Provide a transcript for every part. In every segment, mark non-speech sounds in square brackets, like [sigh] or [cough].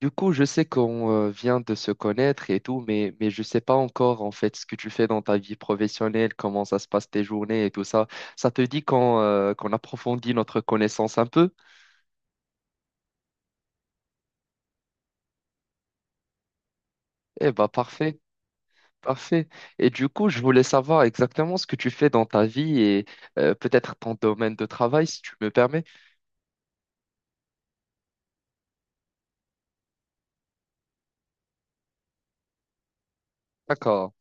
Du coup, je sais qu'on vient de se connaître et tout, mais je sais pas encore en fait ce que tu fais dans ta vie professionnelle, comment ça se passe tes journées et tout ça. Ça te dit qu'on qu'on approfondit notre connaissance un peu? Eh bah parfait. Et du coup, je voulais savoir exactement ce que tu fais dans ta vie et peut-être ton domaine de travail, si tu me permets. D'accord.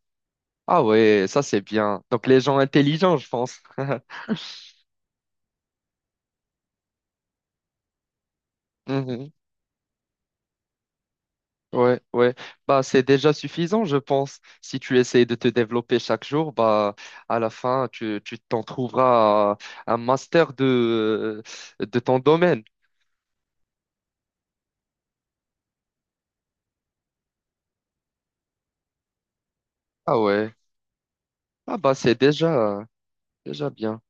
Ah ouais, ça c'est bien. Donc les gens intelligents, je pense. [laughs] Ouais, ouais. Bah, c'est déjà suffisant, je pense. Si tu essayes de te développer chaque jour, bah, à la fin, tu t'en trouveras un master de ton domaine. Ah ouais. Ah bah, c'est déjà, déjà bien,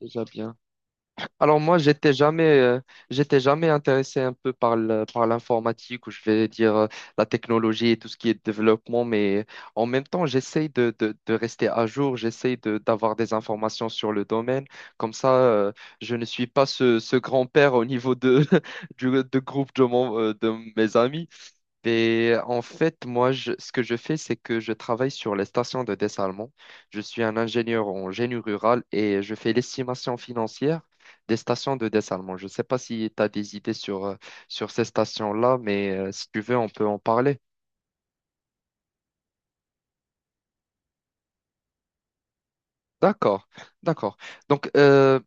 déjà bien. Alors moi, j'étais jamais intéressé un peu par l'informatique ou je vais dire la technologie et tout ce qui est développement, mais en même temps, j'essaye de rester à jour, d'avoir des informations sur le domaine. Comme ça, je ne suis pas ce grand-père au niveau de, [laughs] du, de groupe de, mon, de mes amis. Et en fait, moi, ce que je fais, c'est que je travaille sur les stations de dessalement. Je suis un ingénieur en génie rural et je fais l'estimation financière des stations de dessalement. Je ne sais pas si tu as des idées sur ces stations-là, mais si tu veux, on peut en parler. D'accord, d'accord. Donc, euh,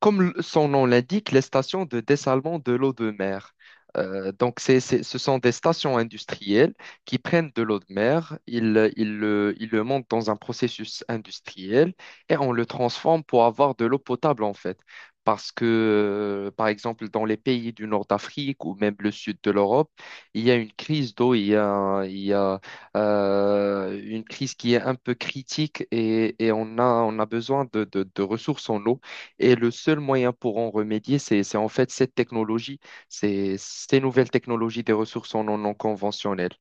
Comme le- son nom l'indique, les stations de dessalement de l'eau de mer. Donc, ce sont des stations industrielles qui prennent de l'eau de mer, ils le montent dans un processus industriel et on le transforme pour avoir de l'eau potable, en fait. Parce que, par exemple, dans les pays du nord d'Afrique ou même le sud de l'Europe, il y a une crise d'eau, il y a une crise qui est un peu critique et, on a besoin de ressources en eau. Et le seul moyen pour en remédier, c'est en fait cette technologie, c'est ces nouvelles technologies des ressources en non conventionnelles.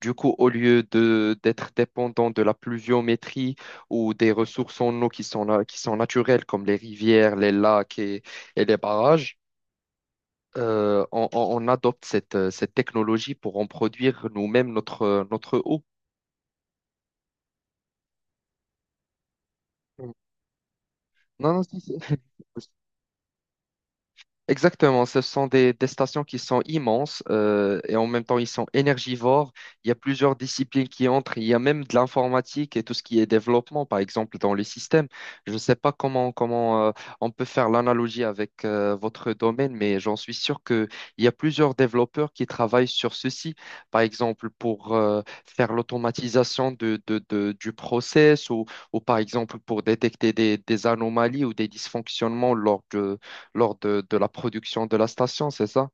Du coup, au lieu de d'être dépendant de la pluviométrie ou des ressources en eau qui sont naturelles, comme les rivières, les lacs et les barrages, on adopte cette technologie pour en produire nous-mêmes notre eau. Mm. Non, non, si, si. Exactement, ce sont des stations qui sont immenses et en même temps ils sont énergivores. Il y a plusieurs disciplines qui entrent, il y a même de l'informatique et tout ce qui est développement, par exemple, dans les systèmes. Je ne sais pas comment, comment on peut faire l'analogie avec votre domaine, mais j'en suis sûr qu'il y a plusieurs développeurs qui travaillent sur ceci, par exemple pour faire l'automatisation du process ou par exemple pour détecter des anomalies ou des dysfonctionnements lors de la production de la station, c'est ça?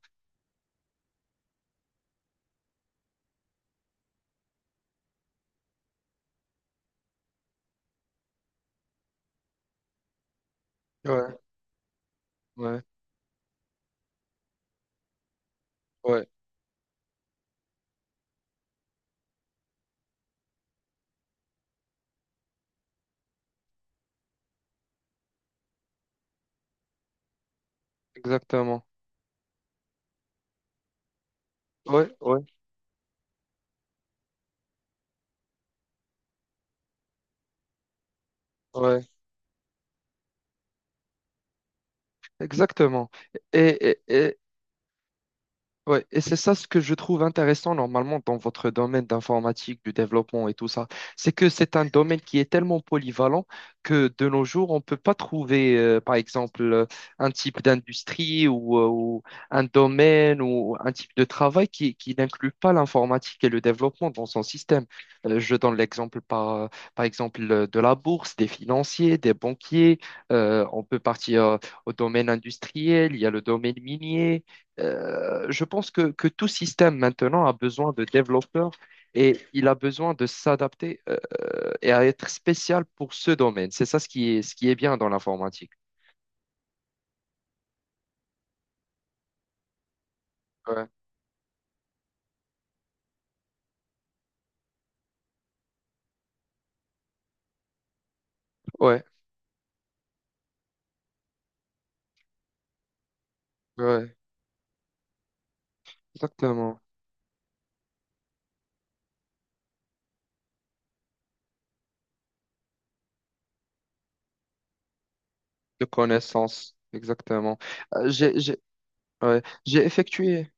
Ouais, ouais, ouais, exactement. Ouais, ouais, ouais. Exactement. Et, et- Ouais, et c'est ça ce que je trouve intéressant normalement dans votre domaine d'informatique, du développement et tout ça. C'est que c'est un domaine qui est tellement polyvalent que de nos jours, on ne peut pas trouver, un type d'industrie ou un domaine ou un type de travail qui n'inclut pas l'informatique et le développement dans son système. Je donne l'exemple par exemple de la bourse, des financiers, des banquiers. On peut partir au domaine industriel, il y a le domaine minier. Euh, je pense que tout système maintenant a besoin de développeurs et il a besoin de s'adapter et à être spécial pour ce domaine. C'est ça ce qui est bien dans l'informatique. Ouais, ouais, ouais, exactement. De connaissances, exactement. Euh, j'ai, j'ai, ouais, j'ai effectué.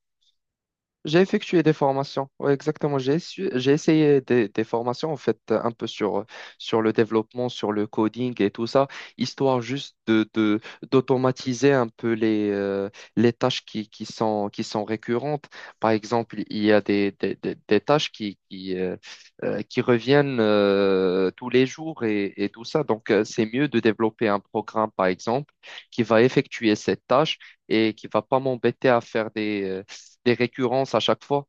J'ai effectué des formations. Oui, exactement. J'ai essayé des formations, en fait, un peu sur le développement, sur le coding et tout ça, histoire juste d'automatiser un peu les tâches qui sont récurrentes. Par exemple, il y a des tâches qui reviennent tous les jours et tout ça. Donc, c'est mieux de développer un programme, par exemple, qui va effectuer cette tâche et qui va pas m'embêter à faire des récurrences à chaque fois.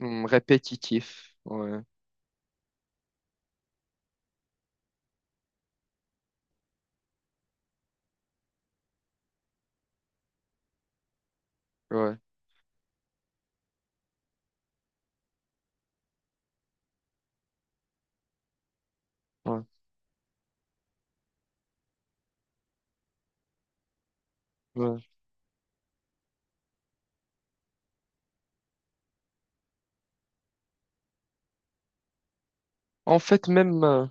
Hmm, répétitif. Ouais, ouais, ouais, ouais. En fait, même.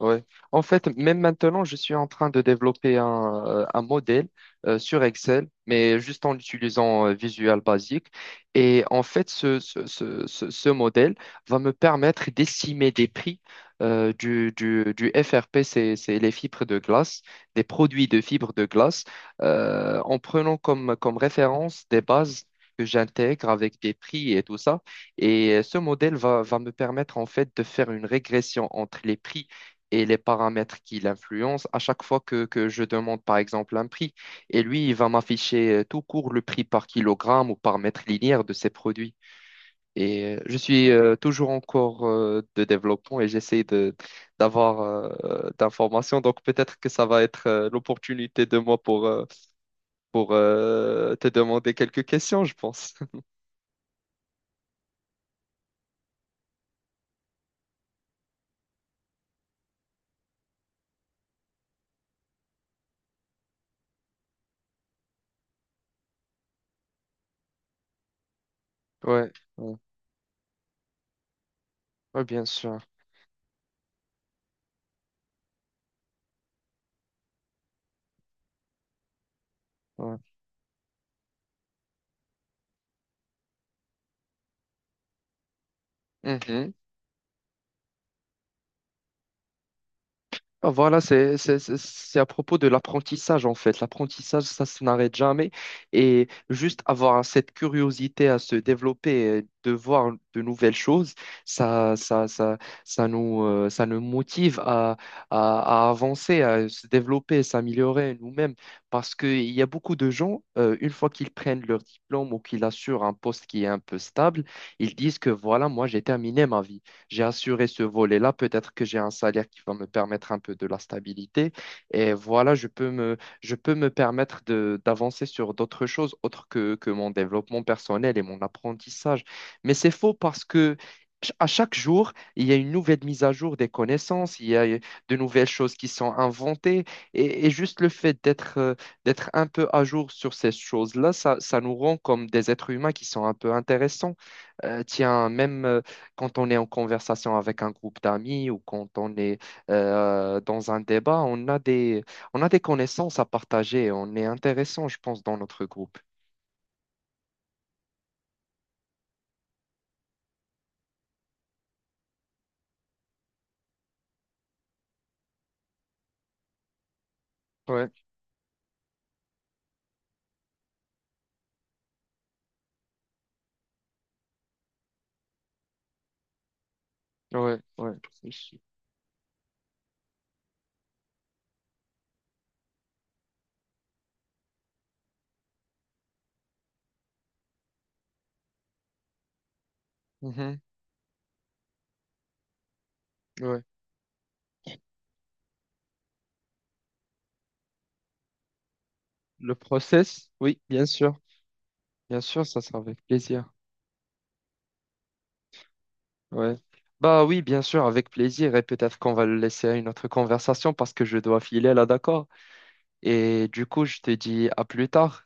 Ouais. En fait, même maintenant, je suis en train de développer un modèle sur Excel, mais juste en utilisant Visual Basic. Et en fait, ce modèle va me permettre d'estimer des prix du FRP, c'est les fibres de glace, des produits de fibres de glace, en prenant comme référence des bases que j'intègre avec des prix et tout ça. Et ce modèle va me permettre en fait de faire une régression entre les prix et les paramètres qui l'influencent à chaque fois que je demande, par exemple, un prix. Et lui, il va m'afficher tout court le prix par kilogramme ou par mètre linéaire de ses produits. Et je suis toujours en cours de développement et d'avoir d'informations. Donc peut-être que ça va être l'opportunité de moi pour te demander quelques questions, je pense. [laughs] Ouais, ouais, ouais, bien sûr. Ouais. [laughs] Mhm. Ah, voilà, c'est à propos de l'apprentissage en fait. L'apprentissage, ça se n'arrête jamais. Et juste avoir cette curiosité à se développer, et de voir de nouvelles choses, ça, ça, ça, ça nous motive à avancer, à se développer, s'améliorer nous-mêmes. Parce qu'il y a beaucoup de gens, une fois qu'ils prennent leur diplôme ou qu'ils assurent un poste qui est un peu stable, ils disent que voilà, moi j'ai terminé ma vie, j'ai assuré ce volet-là. Peut-être que j'ai un salaire qui va me permettre un peu de la stabilité. Et voilà, je peux me permettre d'avancer sur d'autres choses autres que mon développement personnel et mon apprentissage. Mais c'est faux parce que à chaque jour, il y a une nouvelle mise à jour des connaissances, il y a de nouvelles choses qui sont inventées. Et juste le fait d'être un peu à jour sur ces choses-là, ça nous rend comme des êtres humains qui sont un peu intéressants. Tiens, même quand on est en conversation avec un groupe d'amis ou quand on est dans un débat, on a des connaissances à partager. On est intéressant, je pense, dans notre groupe. Ouais, ouais, ouais. C'est sûr. Mhm, ouais. Le process, oui, bien sûr. Bien sûr, ça sera avec plaisir. Ouais. Bah oui, bien sûr, avec plaisir. Et peut-être qu'on va le laisser à une autre conversation parce que je dois filer là, d'accord? Et du coup, je te dis à plus tard.